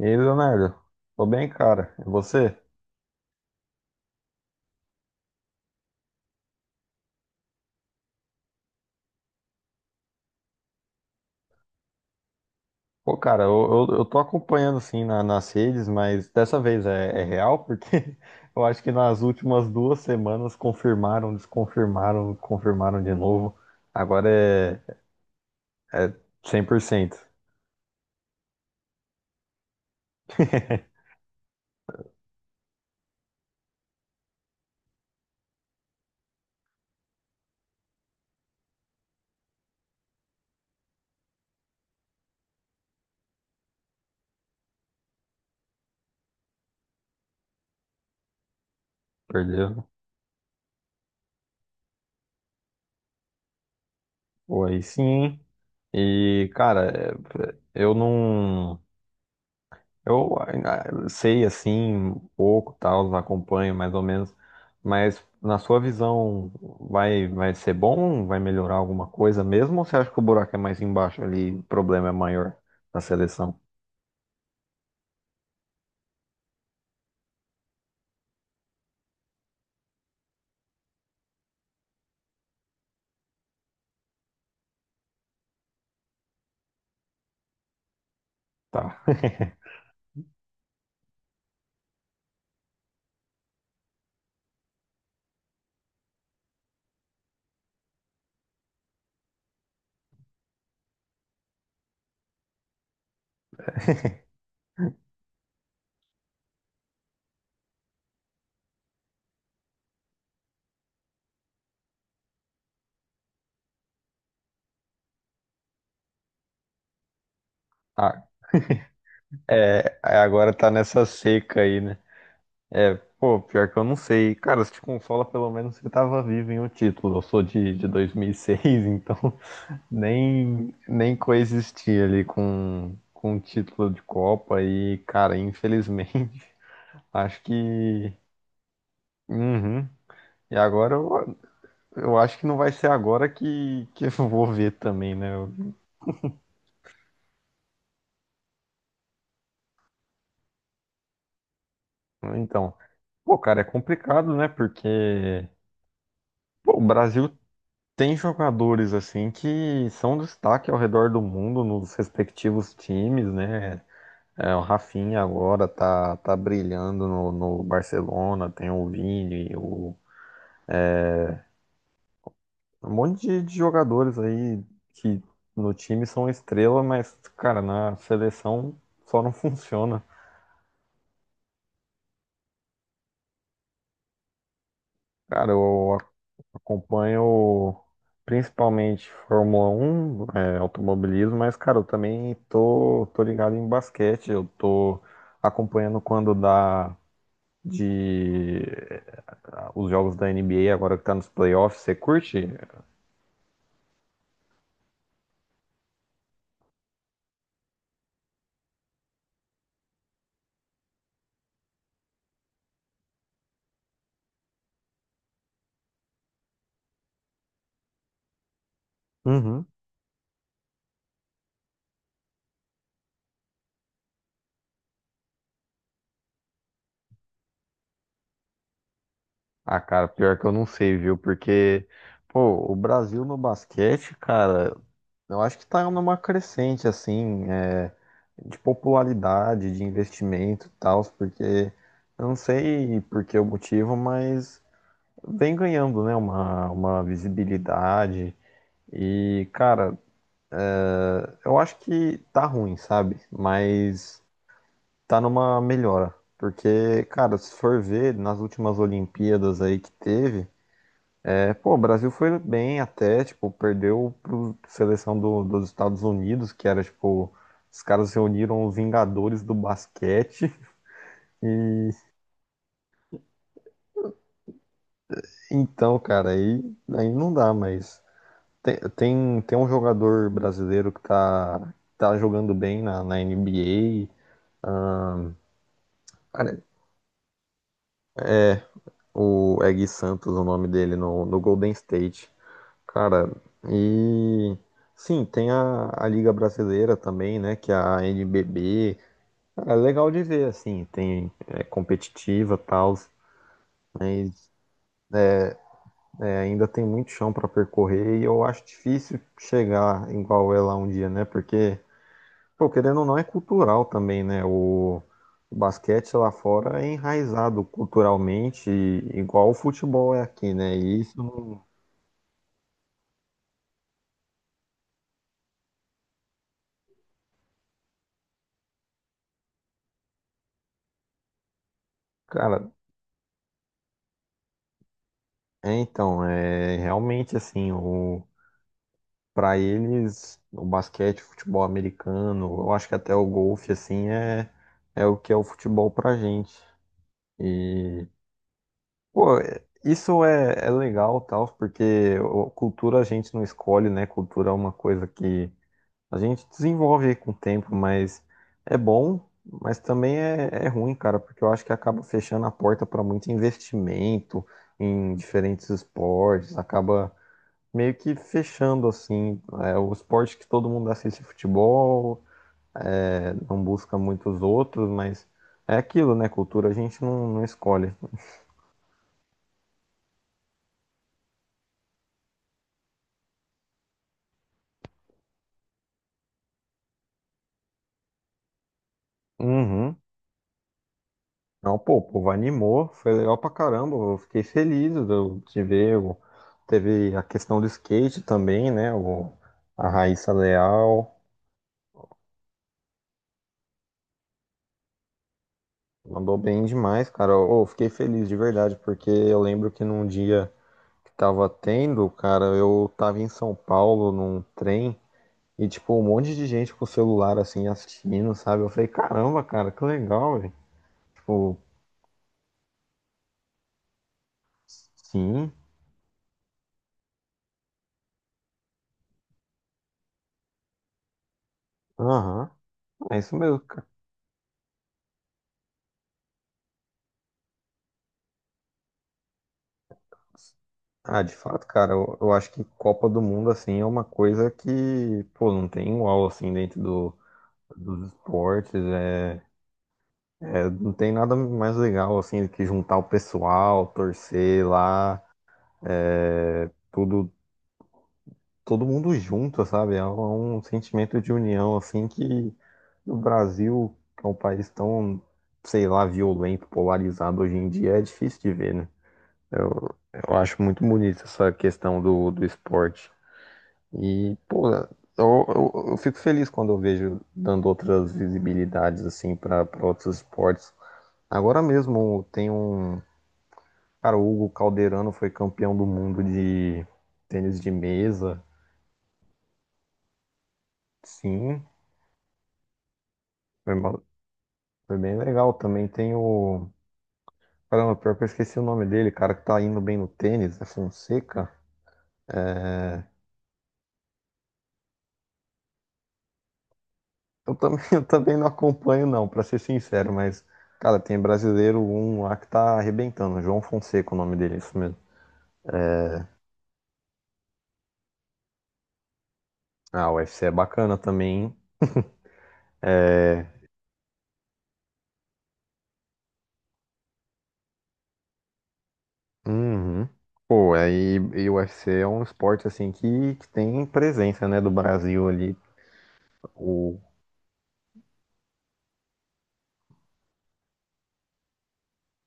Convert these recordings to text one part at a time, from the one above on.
E aí, Leonardo? Tô bem, cara. E você? Pô, cara, eu tô acompanhando sim nas redes, mas dessa vez é real, porque eu acho que nas últimas duas semanas confirmaram, desconfirmaram, confirmaram de novo. Agora é 100%. Perdeu? Pô, aí sim, hein? E, cara, eu não. Eu ainda sei assim um pouco, tal, acompanho mais ou menos, mas na sua visão vai ser bom? Vai melhorar alguma coisa mesmo? Ou você acha que o buraco é mais embaixo ali, o problema é maior da seleção? Tá. Ah, é, é, agora tá nessa seca aí, né? É, pô, pior que eu não sei. Cara, se te consola, pelo menos você tava vivo em um título. Eu sou de 2006, então nem, nem coexistir ali com o título de Copa e, cara, infelizmente, acho que. Uhum. E agora eu, eu acho que não vai ser agora que eu vou ver também, né? Eu- então, pô, cara, é complicado, né? Porque pô, o Brasil tem jogadores assim que são destaque ao redor do mundo nos respectivos times, né? É, o Rafinha agora tá brilhando no Barcelona, tem o Vini, o um monte de jogadores aí que no time são estrela, mas, cara, na seleção só não funciona. Cara, acompanho principalmente Fórmula 1 é, automobilismo, mas, cara, eu também tô ligado em basquete. Eu tô acompanhando quando dá de os jogos da NBA, agora que tá nos playoffs. Você curte? Uhum. Ah, cara, pior que eu não sei, viu? Porque, pô, o Brasil no basquete, cara. Eu acho que tá numa crescente, assim, é, de popularidade, de investimento e tal, porque eu não sei por que o motivo, mas vem ganhando, né, uma visibilidade. E, cara, eu acho que tá ruim, sabe? Mas tá numa melhora. Porque, cara, se for ver nas últimas Olimpíadas aí que teve, é, pô, o Brasil foi bem até, tipo, perdeu para seleção dos Estados Unidos, que era, tipo, os caras reuniram os Vingadores do basquete. E então, cara, aí, aí não dá, mas tem um jogador brasileiro que tá jogando bem na NBA. Cara, o é Gui Santos, o nome dele, no Golden State. Cara, e sim, tem a Liga Brasileira também, né? Que é a NBB. É legal de ver, assim, tem é competitiva, tal, mas é, ainda tem muito chão para percorrer e eu acho difícil chegar igual ela um dia, né? Porque, pô, querendo ou não, é cultural também, né? O basquete lá fora é enraizado culturalmente, igual o futebol é aqui, né? E isso, cara, é então, é realmente assim, o para eles, o basquete, o futebol americano, eu acho que até o golfe, assim, é, é o que é o futebol pra gente. E, pô, isso é legal, tal, porque o- cultura a gente não escolhe, né? Cultura é uma coisa que a gente desenvolve com o tempo, mas é bom, mas também é ruim, cara, porque eu acho que acaba fechando a porta para muito investimento em diferentes esportes, acaba meio que fechando assim, é o esporte que todo mundo assiste futebol, é, não busca muitos outros, mas é aquilo, né? Cultura a gente não escolhe. Uhum. Não, pô, o povo animou, foi legal pra caramba, eu fiquei feliz de ver. O teve a questão do skate também, né? O, a Raíssa Leal mandou bem demais, cara. Eu fiquei feliz de verdade, porque eu lembro que num dia que tava tendo, cara, eu tava em São Paulo num trem. E, tipo, um monte de gente com o celular, assim, assistindo, sabe? Eu falei, caramba, cara, que legal, velho. Tipo, sim, aham, é isso mesmo, cara. Ah, de fato, cara, eu acho que Copa do Mundo, assim, é uma coisa que, pô, não tem igual, assim, dentro dos esportes, é, é, não tem nada mais legal, assim, do que juntar o pessoal, torcer lá, é, tudo todo mundo junto, sabe? É um sentimento de união, assim, que no Brasil, que é um país tão, sei lá, violento, polarizado hoje em dia, é difícil de ver, né? Eu acho muito bonito essa questão do esporte. E, pô, eu fico feliz quando eu vejo dando outras visibilidades, assim, para outros esportes. Agora mesmo tem um. Cara, o Hugo Calderano foi campeão do mundo de tênis de mesa. Sim, foi uma- foi bem legal. Também tem o caramba, pior que eu esqueci o nome dele, cara, que tá indo bem no tênis, é Fonseca. É, eu também, eu também não acompanho, não, pra ser sincero, mas, cara, tem brasileiro um lá que tá arrebentando. João Fonseca, o nome dele, é isso mesmo. Ah, o UFC é bacana também, hein? É. Uhum. Pô, aí e o UFC é um esporte assim que tem presença, né, do Brasil ali, o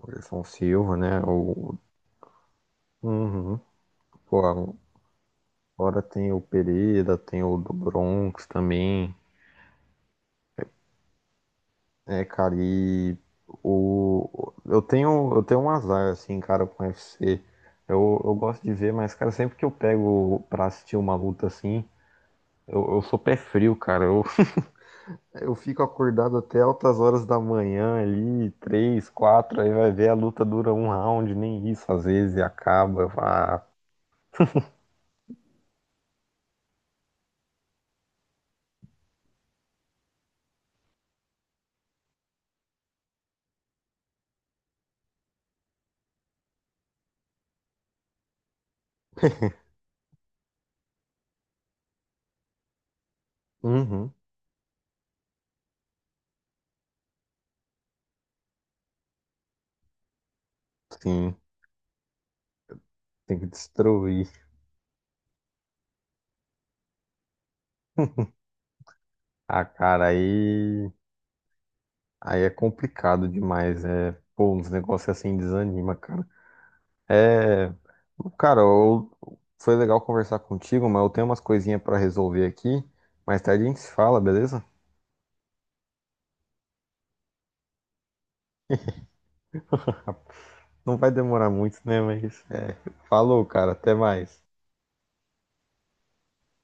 Anderson Silva, né? O... Uhum. Pô, fora tem o Pereira, tem o do Bronx também. É, cara, e o... eu tenho um azar, assim, cara, com o UFC. Eu gosto de ver, mas, cara, sempre que eu pego pra assistir uma luta assim, eu sou pé frio, cara. Eu fico acordado até altas horas da manhã ali, três, quatro, aí vai ver a luta dura um round, nem isso às vezes, e acaba. Eu falo, ah, uhum, sim, tem que destruir. Ah, cara, aí aí é complicado demais, é, pô, uns negócios assim desanima, cara. É, cara, eu- foi legal conversar contigo, mas eu tenho umas coisinhas pra resolver aqui. Mais tarde a gente se fala, beleza? Não vai demorar muito, né? Mas é, falou, cara, até mais.